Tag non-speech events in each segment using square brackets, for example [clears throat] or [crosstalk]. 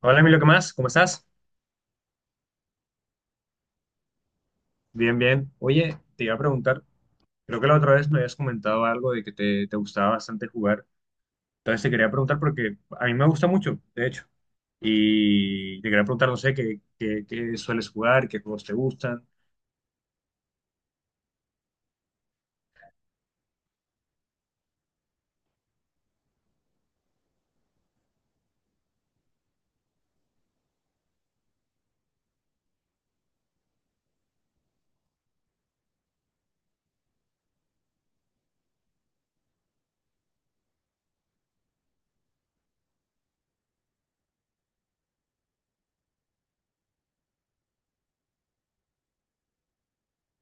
Hola Emilio, ¿qué más? ¿Cómo estás? Bien, bien. Oye, te iba a preguntar, creo que la otra vez me habías comentado algo de que te gustaba bastante jugar. Entonces te quería preguntar porque a mí me gusta mucho, de hecho. Y te quería preguntar, no sé, qué sueles jugar, qué juegos te gustan.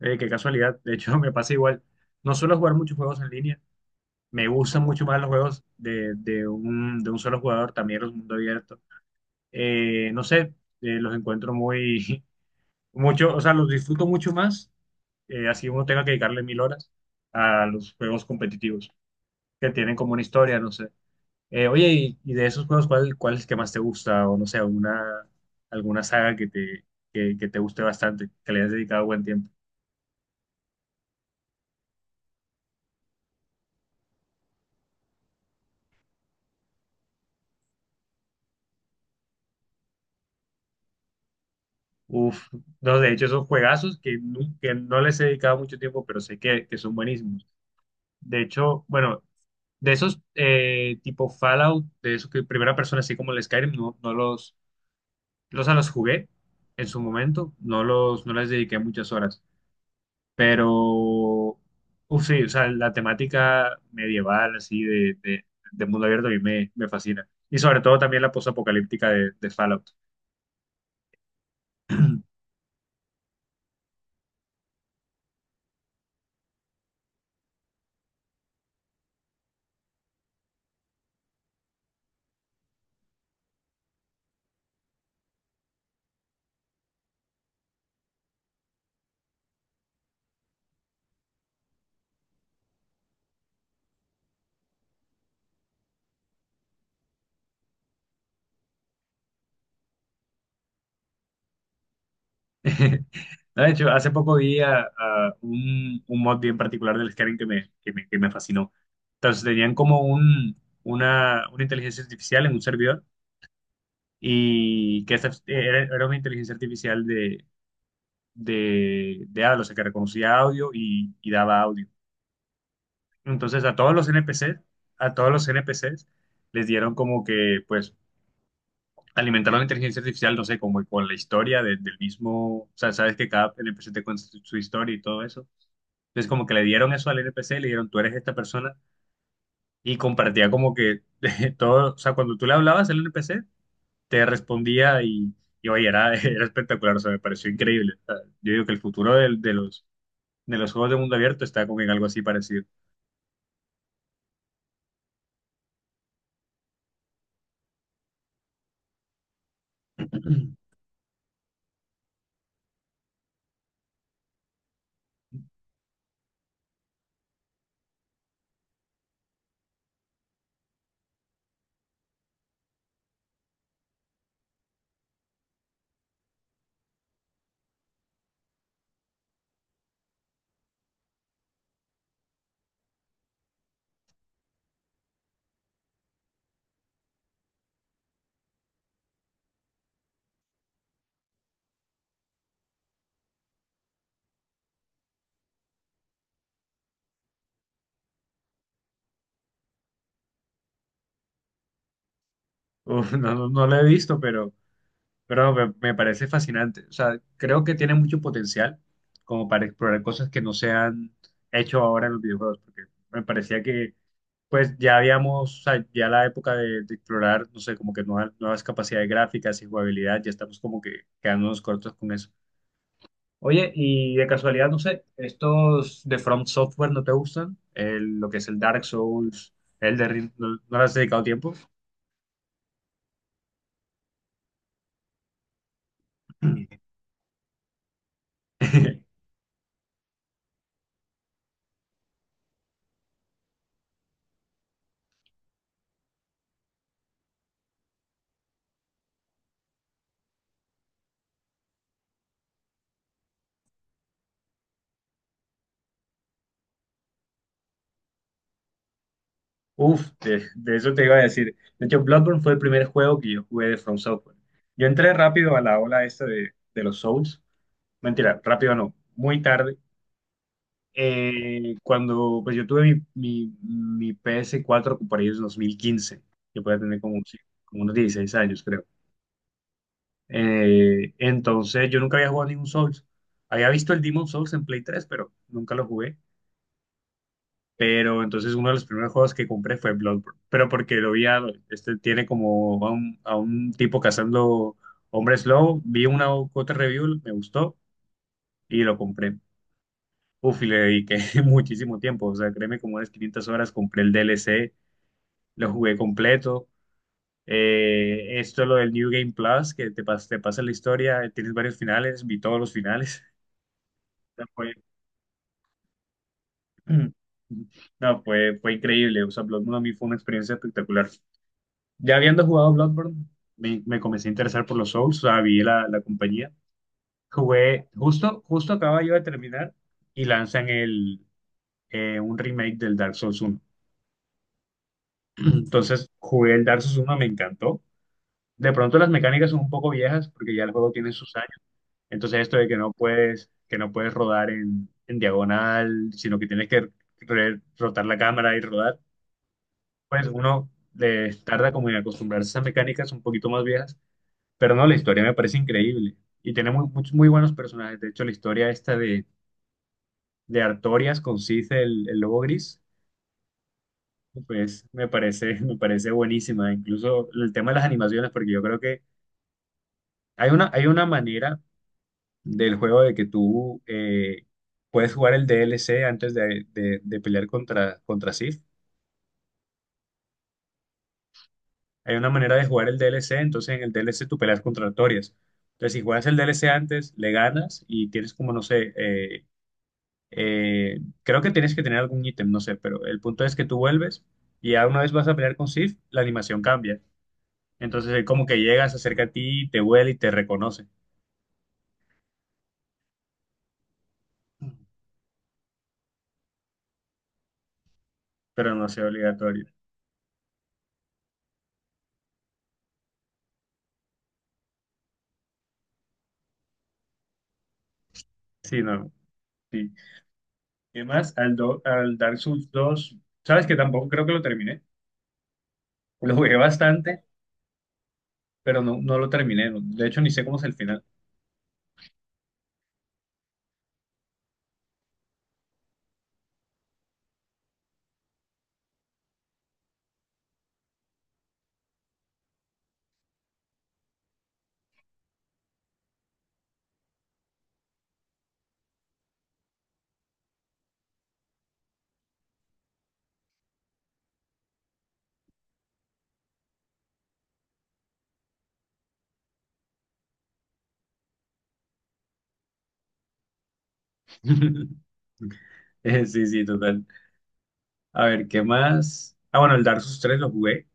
Qué casualidad. De hecho, [laughs] me pasa igual. No suelo jugar muchos juegos en línea. Me gustan mucho más los juegos de, de un solo jugador, también los mundo abierto. No sé, los encuentro muy, [laughs] mucho, o sea, los disfruto mucho más, así uno tenga que dedicarle mil horas a los juegos competitivos que tienen como una historia, no sé. Oye, y de esos juegos, ¿cuál es el que más te gusta? O no sé, alguna saga que te guste bastante, que le hayas dedicado buen tiempo. Uf, no, de hecho, son juegazos que no les he dedicado mucho tiempo, pero sé que son buenísimos. De hecho, bueno, de esos tipo Fallout, de esos que primera persona, así como el Skyrim, no, no los, los, a los jugué en su momento, no les dediqué muchas horas. Pero, uf, sí, o sea, la temática medieval, así, de mundo abierto, a mí me fascina. Y sobre todo también la posapocalíptica de Fallout. [laughs] No, de hecho, hace poco vi a, un mod bien particular del Skyrim que me fascinó. Entonces, tenían como un, una inteligencia artificial en un servidor y era una inteligencia artificial de, de habla, o sea, que reconocía audio y daba audio. Entonces a todos los NPCs, a todos los NPCs les dieron como que, pues, alimentaron la inteligencia artificial, no sé, como con la historia del mismo, o sea, sabes que cada NPC te cuenta su historia y todo eso. Entonces como que le dieron eso al NPC, le dieron tú eres esta persona y compartía como que [laughs] todo, o sea, cuando tú le hablabas al NPC, te respondía y oye, era, [laughs] era espectacular, o sea, me pareció increíble. O sea, yo digo que el futuro los, de los juegos de mundo abierto está como en algo así parecido. Uf, no lo he visto, pero... Pero me parece fascinante. O sea, creo que tiene mucho potencial como para explorar cosas que no se han hecho ahora en los videojuegos, porque me parecía que pues ya habíamos, o sea, ya la época de explorar, no sé, como que nuevas capacidades gráficas y jugabilidad, ya estamos como que quedándonos cortos con eso. Oye, y de casualidad, no sé, ¿estos de From Software no te gustan? Lo que es el Dark Souls, el de, ¿no, no le has dedicado tiempo? [laughs] Uf, de eso te iba a decir. De hecho, Bloodborne fue el primer juego que yo jugué de From Software. Yo entré rápido a la ola esta de los Souls. Mentira, rápido no, muy tarde. Cuando pues yo tuve mi ps cuatro por ahí en 2015. Yo podía tener como, sí, como unos 16 años, creo. Entonces yo nunca había jugado ningún Souls. Había visto el Demon Souls en Play 3, pero nunca lo jugué. Pero entonces uno de los primeros juegos que compré fue Bloodborne. Pero porque lo vi, este tiene como a un tipo cazando hombres lobo. Vi una otra review, me gustó y lo compré. Uf, y le dediqué [laughs] muchísimo tiempo. O sea, créeme, como unas 500 horas, compré el DLC, lo jugué completo. Lo del New Game Plus, te pasa la historia, tienes varios finales, vi todos los finales. [laughs] No, fue, [clears throat] no, fue, fue increíble. O sea, Bloodborne a mí fue una experiencia espectacular. Ya habiendo jugado Bloodborne, me comencé a interesar por los Souls, o sea, vi la, la compañía. Jugué, justo acaba yo de terminar y lanzan el, un remake del Dark Souls uno. Entonces jugué el Dark Souls uno, me encantó. De pronto las mecánicas son un poco viejas porque ya el juego tiene sus años. Entonces esto de que no puedes rodar en diagonal, sino que tienes que rotar la cámara y rodar, pues uno le tarda como en acostumbrarse a esas mecánicas un poquito más viejas. Pero no, la historia me parece increíble y tiene muy, muchos muy buenos personajes. De hecho, la historia esta de Artorias con Sith, el lobo gris, pues me parece, [laughs] me parece buenísima. Incluso el tema de las animaciones, porque yo creo que hay una manera del juego de que tú, puedes jugar el DLC antes de pelear contra, contra Sith. Hay una manera de jugar el DLC, entonces en el DLC tú peleas contra Artorias. Entonces, si juegas el DLC antes, le ganas y tienes como, no sé, eh, creo que tienes que tener algún ítem, no sé, pero el punto es que tú vuelves y ya una vez vas a pelear con Sif, la animación cambia. Entonces, él como que llegas, se acerca a ti, te huele y te reconoce, pero no sea obligatorio. Sí, no, sí. Y además, al, al Dark Souls dos, sabes que tampoco creo que lo terminé. Lo jugué bastante, pero no, no lo terminé. De hecho, ni sé cómo es el final. [laughs] Sí, sí, total. A ver, ¿qué más? Ah, bueno, el Dark Souls 3 lo jugué.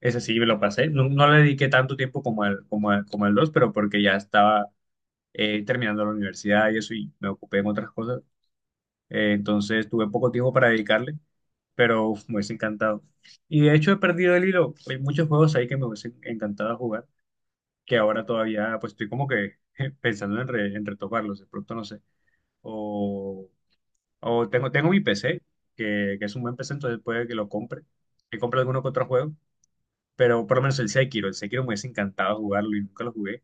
Ese sí me lo pasé. No, no le dediqué tanto tiempo como al 2, pero porque ya estaba, terminando la universidad y eso, y me ocupé en otras cosas. Entonces tuve poco tiempo para dedicarle, pero uf, me hubiese encantado. Y de hecho he perdido el hilo. Hay muchos juegos ahí que me hubiesen encantado jugar, que ahora todavía pues estoy como que [laughs] pensando en, en retomarlos, de pronto no sé. O, tengo mi PC, que es un buen PC, entonces puede que lo compre, que compre alguno que otro juego, pero por lo menos el Sekiro me hubiese encantado jugarlo y nunca lo jugué.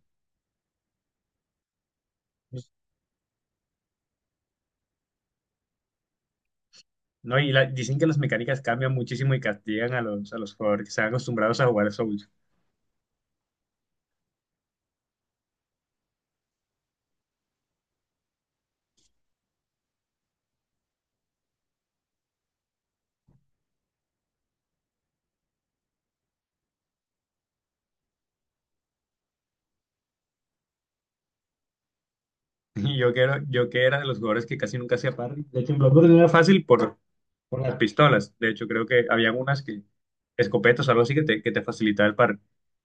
No, dicen que las mecánicas cambian muchísimo y castigan a los jugadores que están acostumbrados a jugar Souls. [laughs] Y yo que era de los jugadores que casi nunca hacía parry. De hecho, en Bloodborne no era fácil por las pistolas. De hecho, creo que había unas que, escopetas, algo así que te facilitaba el parry.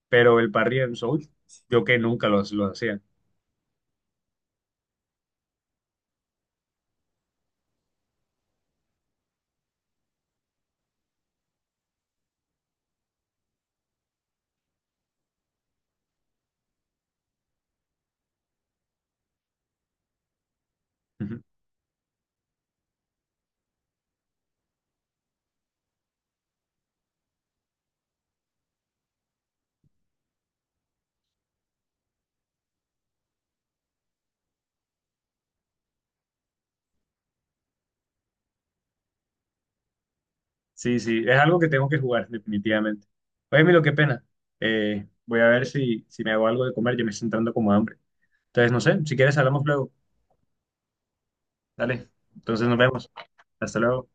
Pero el parry en Souls, yo que nunca los lo hacía. Sí, sí, es algo que tengo que jugar, definitivamente. Oye, Milo, qué pena. Voy a ver si, si me hago algo de comer, ya me está entrando como hambre. Entonces, no sé, si quieres hablamos luego. Dale, entonces nos vemos. Hasta luego.